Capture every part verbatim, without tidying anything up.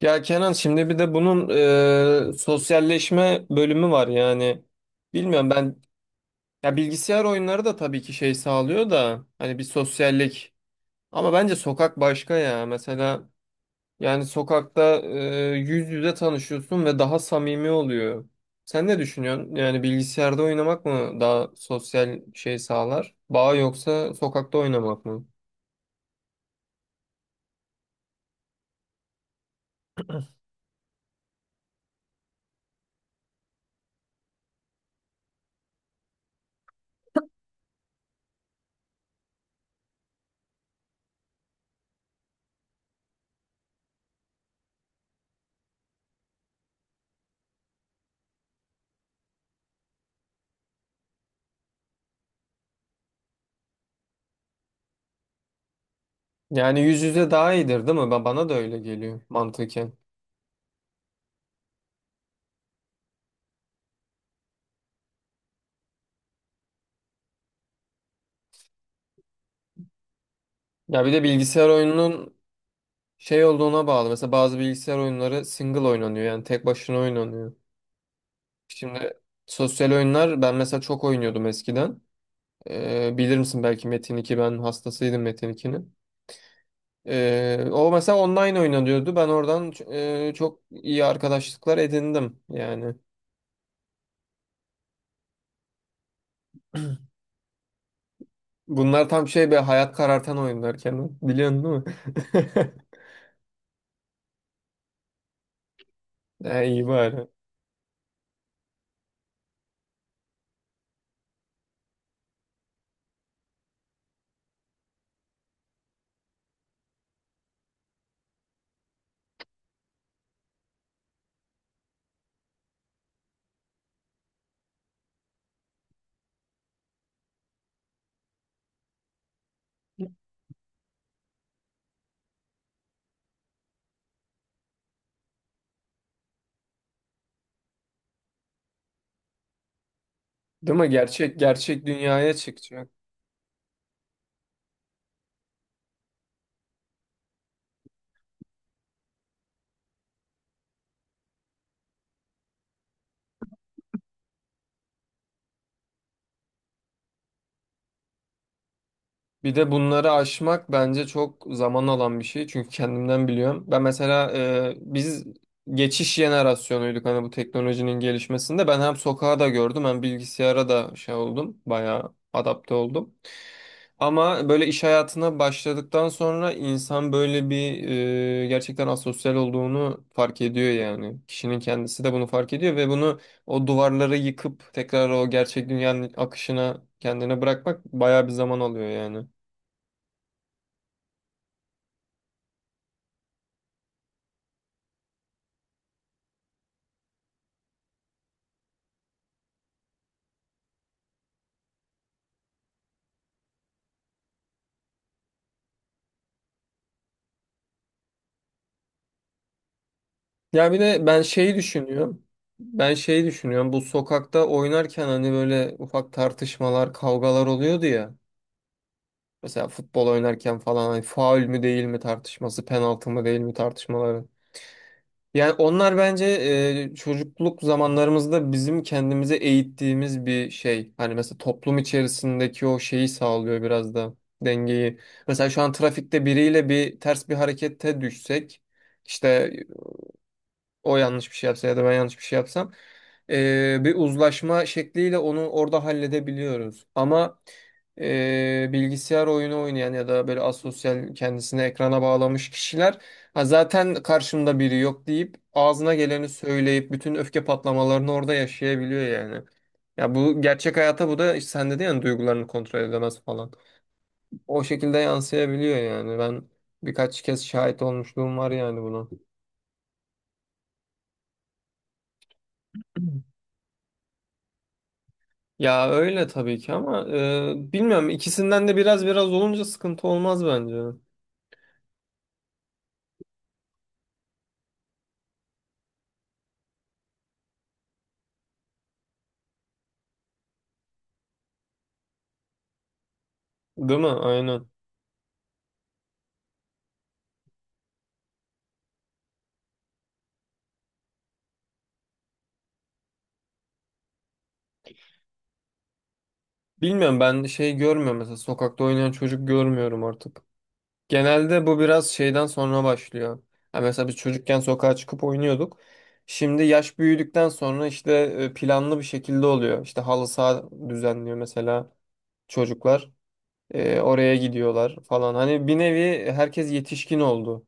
Ya Kenan şimdi bir de bunun e, sosyalleşme bölümü var yani. Bilmiyorum ben ya bilgisayar oyunları da tabii ki şey sağlıyor da hani bir sosyallik ama bence sokak başka ya. Mesela yani sokakta e, yüz yüze tanışıyorsun ve daha samimi oluyor. Sen ne düşünüyorsun? Yani bilgisayarda oynamak mı daha sosyal şey sağlar? Bağ yoksa sokakta oynamak mı? Yani yüz yüze daha iyidir değil mi? Ba- Bana da öyle geliyor mantıken. Ya bir de bilgisayar oyununun şey olduğuna bağlı. Mesela bazı bilgisayar oyunları single oynanıyor. Yani tek başına oynanıyor. Şimdi sosyal oyunlar ben mesela çok oynuyordum eskiden. Ee, bilir misin belki Metin iki ben hastasıydım Metin ikinin. Ee, o mesela online oynanıyordu. Ben oradan ç- e, çok iyi arkadaşlıklar edindim yani. Bunlar tam şey bir hayat karartan oyunlar Kenan. Biliyorsun değil mi? Ha, iyi bari. Değil mi? Gerçek gerçek dünyaya çıkacak. Bir de bunları aşmak bence çok zaman alan bir şey. Çünkü kendimden biliyorum. Ben mesela e, biz geçiş jenerasyonuyduk hani bu teknolojinin gelişmesinde. Ben hem sokağa da gördüm hem bilgisayara da şey oldum. Bayağı adapte oldum. Ama böyle iş hayatına başladıktan sonra insan böyle bir e, gerçekten asosyal olduğunu fark ediyor yani. Kişinin kendisi de bunu fark ediyor ve bunu o duvarları yıkıp tekrar o gerçek dünyanın akışına kendini bırakmak bayağı bir zaman alıyor yani. Ya bir de ben şeyi düşünüyorum. Ben şeyi düşünüyorum. Bu sokakta oynarken hani böyle ufak tartışmalar, kavgalar oluyordu ya. Mesela futbol oynarken falan hani faul mü değil mi tartışması, penaltı mı değil mi tartışmaları. Yani onlar bence e, çocukluk zamanlarımızda bizim kendimize eğittiğimiz bir şey. Hani mesela toplum içerisindeki o şeyi sağlıyor biraz da dengeyi. Mesela şu an trafikte biriyle bir ters bir harekete düşsek işte o yanlış bir şey yapsa ya da ben yanlış bir şey yapsam e, bir uzlaşma şekliyle onu orada halledebiliyoruz. Ama e, bilgisayar oyunu oynayan ya da böyle asosyal kendisini ekrana bağlamış kişiler ha, zaten karşımda biri yok deyip ağzına geleni söyleyip bütün öfke patlamalarını orada yaşayabiliyor yani. Ya bu gerçek hayata bu da işte sen dedin ya hani duygularını kontrol edemez falan. O şekilde yansıyabiliyor yani. Ben birkaç kez şahit olmuşluğum var yani buna. Ya öyle tabii ki ama e, bilmiyorum ikisinden de biraz biraz olunca sıkıntı olmaz bence. Değil mi? Aynen. Bilmiyorum ben şey görmüyorum mesela sokakta oynayan çocuk görmüyorum artık. Genelde bu biraz şeyden sonra başlıyor. Ha, mesela biz çocukken sokağa çıkıp oynuyorduk. Şimdi yaş büyüdükten sonra işte e, planlı bir şekilde oluyor. İşte halı saha düzenliyor mesela çocuklar. E, oraya gidiyorlar falan. Hani bir nevi herkes yetişkin oldu.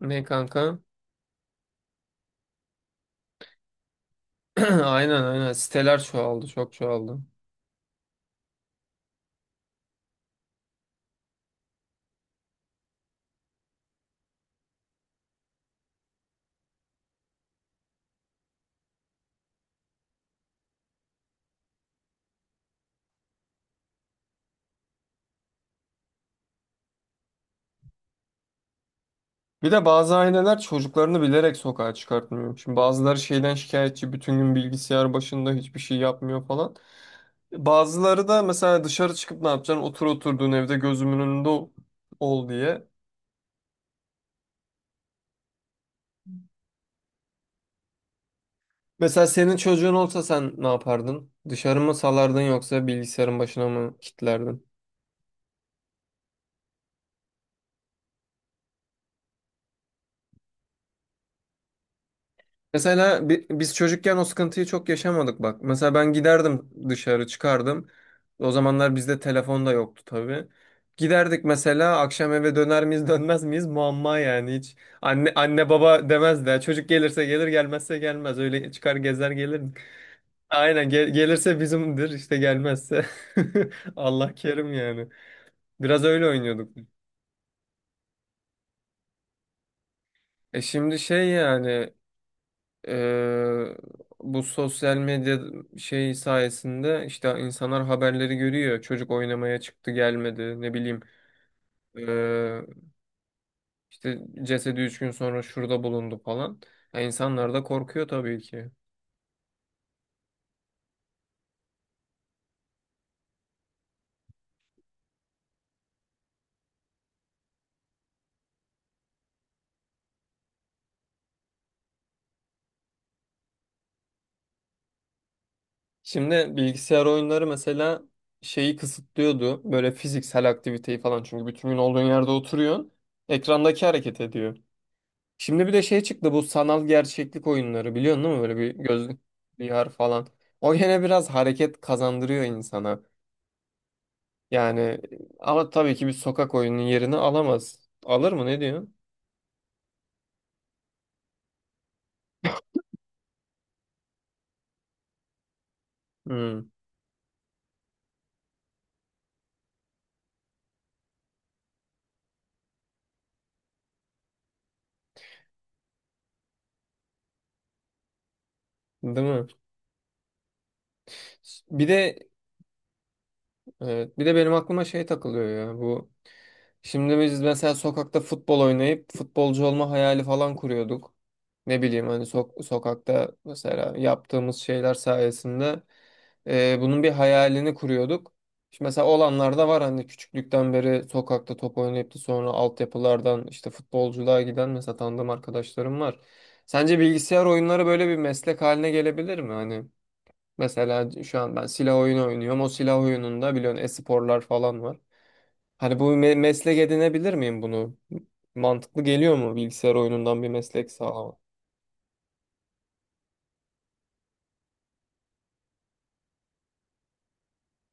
Ne kanka? Aynen, aynen. Siteler çoğaldı, çok çoğaldı. Bir de bazı aileler çocuklarını bilerek sokağa çıkartmıyor. Şimdi bazıları şeyden şikayetçi, bütün gün bilgisayar başında hiçbir şey yapmıyor falan. Bazıları da mesela dışarı çıkıp ne yapacaksın? Otur oturduğun evde gözümün önünde ol, ol diye. Mesela senin çocuğun olsa sen ne yapardın? Dışarı mı salardın yoksa bilgisayarın başına mı kilitlerdin? Mesela bi- biz çocukken o sıkıntıyı çok yaşamadık bak. Mesela ben giderdim dışarı çıkardım. O zamanlar bizde telefon da yoktu tabii. Giderdik mesela akşam eve döner miyiz dönmez miyiz muamma yani hiç. Anne anne baba demez de çocuk gelirse gelir gelmezse gelmez öyle çıkar gezer gelirdik. Aynen gel- gelirse bizimdir işte gelmezse Allah kerim yani. Biraz öyle oynuyorduk. E şimdi şey yani Eee, bu sosyal medya şey sayesinde işte insanlar haberleri görüyor. Çocuk oynamaya çıktı gelmedi ne bileyim. Eee, işte cesedi üç gün sonra şurada bulundu falan. Ya insanlar da korkuyor tabii ki. Şimdi bilgisayar oyunları mesela şeyi kısıtlıyordu. Böyle fiziksel aktiviteyi falan. Çünkü bütün gün olduğun yerde oturuyorsun. Ekrandaki hareket ediyor. Şimdi bir de şey çıktı bu sanal gerçeklik oyunları biliyorsun değil mi? Böyle bir gözlük, V R falan. O gene biraz hareket kazandırıyor insana. Yani e, ama tabii ki bir sokak oyunun yerini alamaz. Alır mı ne diyorsun? Hmm, değil mi? Bir de Evet. Bir de benim aklıma şey takılıyor ya bu. Şimdi biz mesela sokakta futbol oynayıp futbolcu olma hayali falan kuruyorduk. Ne bileyim hani sok sokakta mesela yaptığımız şeyler sayesinde e, bunun bir hayalini kuruyorduk. Şimdi mesela olanlar da var hani küçüklükten beri sokakta top oynayıp da sonra altyapılardan işte futbolculuğa giden mesela tanıdığım arkadaşlarım var. Sence bilgisayar oyunları böyle bir meslek haline gelebilir mi? Hani mesela şu an ben silah oyunu oynuyorum. O silah oyununda biliyorsun e-sporlar falan var. Hani bu me- meslek edinebilir miyim bunu? Mantıklı geliyor mu bilgisayar oyunundan bir meslek sağlamak?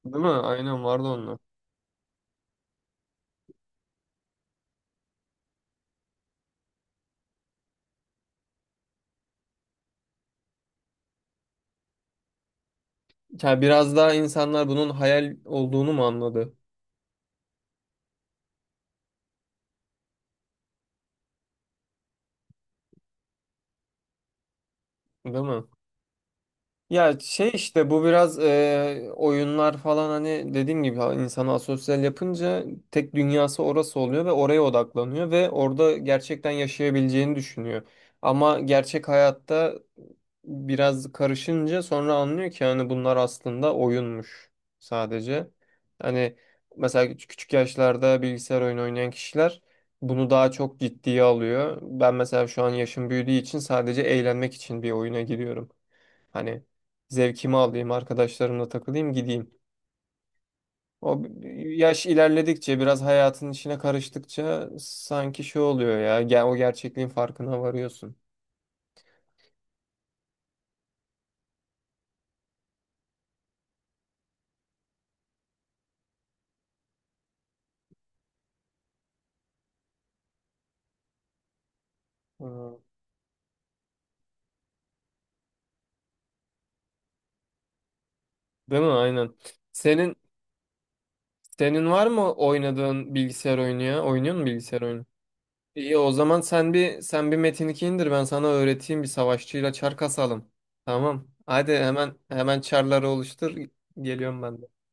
Değil mi? Aynen vardı onlar. Ya biraz daha insanlar bunun hayal olduğunu mu anladı? Değil mi? Ya şey işte bu biraz e, oyunlar falan hani dediğim gibi ha- insanı asosyal yapınca tek dünyası orası oluyor ve oraya odaklanıyor ve orada gerçekten yaşayabileceğini düşünüyor. Ama gerçek hayatta biraz karışınca sonra anlıyor ki hani bunlar aslında oyunmuş sadece. Hani mesela küç- küçük yaşlarda bilgisayar oyunu oynayan kişiler bunu daha çok ciddiye alıyor. Ben mesela şu an yaşım büyüdüğü için sadece eğlenmek için bir oyuna giriyorum. Hani zevkimi alayım, arkadaşlarımla takılayım, gideyim. O yaş ilerledikçe, biraz hayatın içine karıştıkça sanki şey oluyor ya. Gel o gerçekliğin farkına varıyorsun. Aa, değil mi? Aynen. Senin Senin var mı oynadığın bilgisayar oyunu ya? Oynuyor musun bilgisayar oyunu? İyi o zaman sen bir sen bir Metin iki indir ben sana öğreteyim bir savaşçıyla çar kasalım. Tamam. Hadi hemen hemen çarları oluştur. Geliyorum ben. De.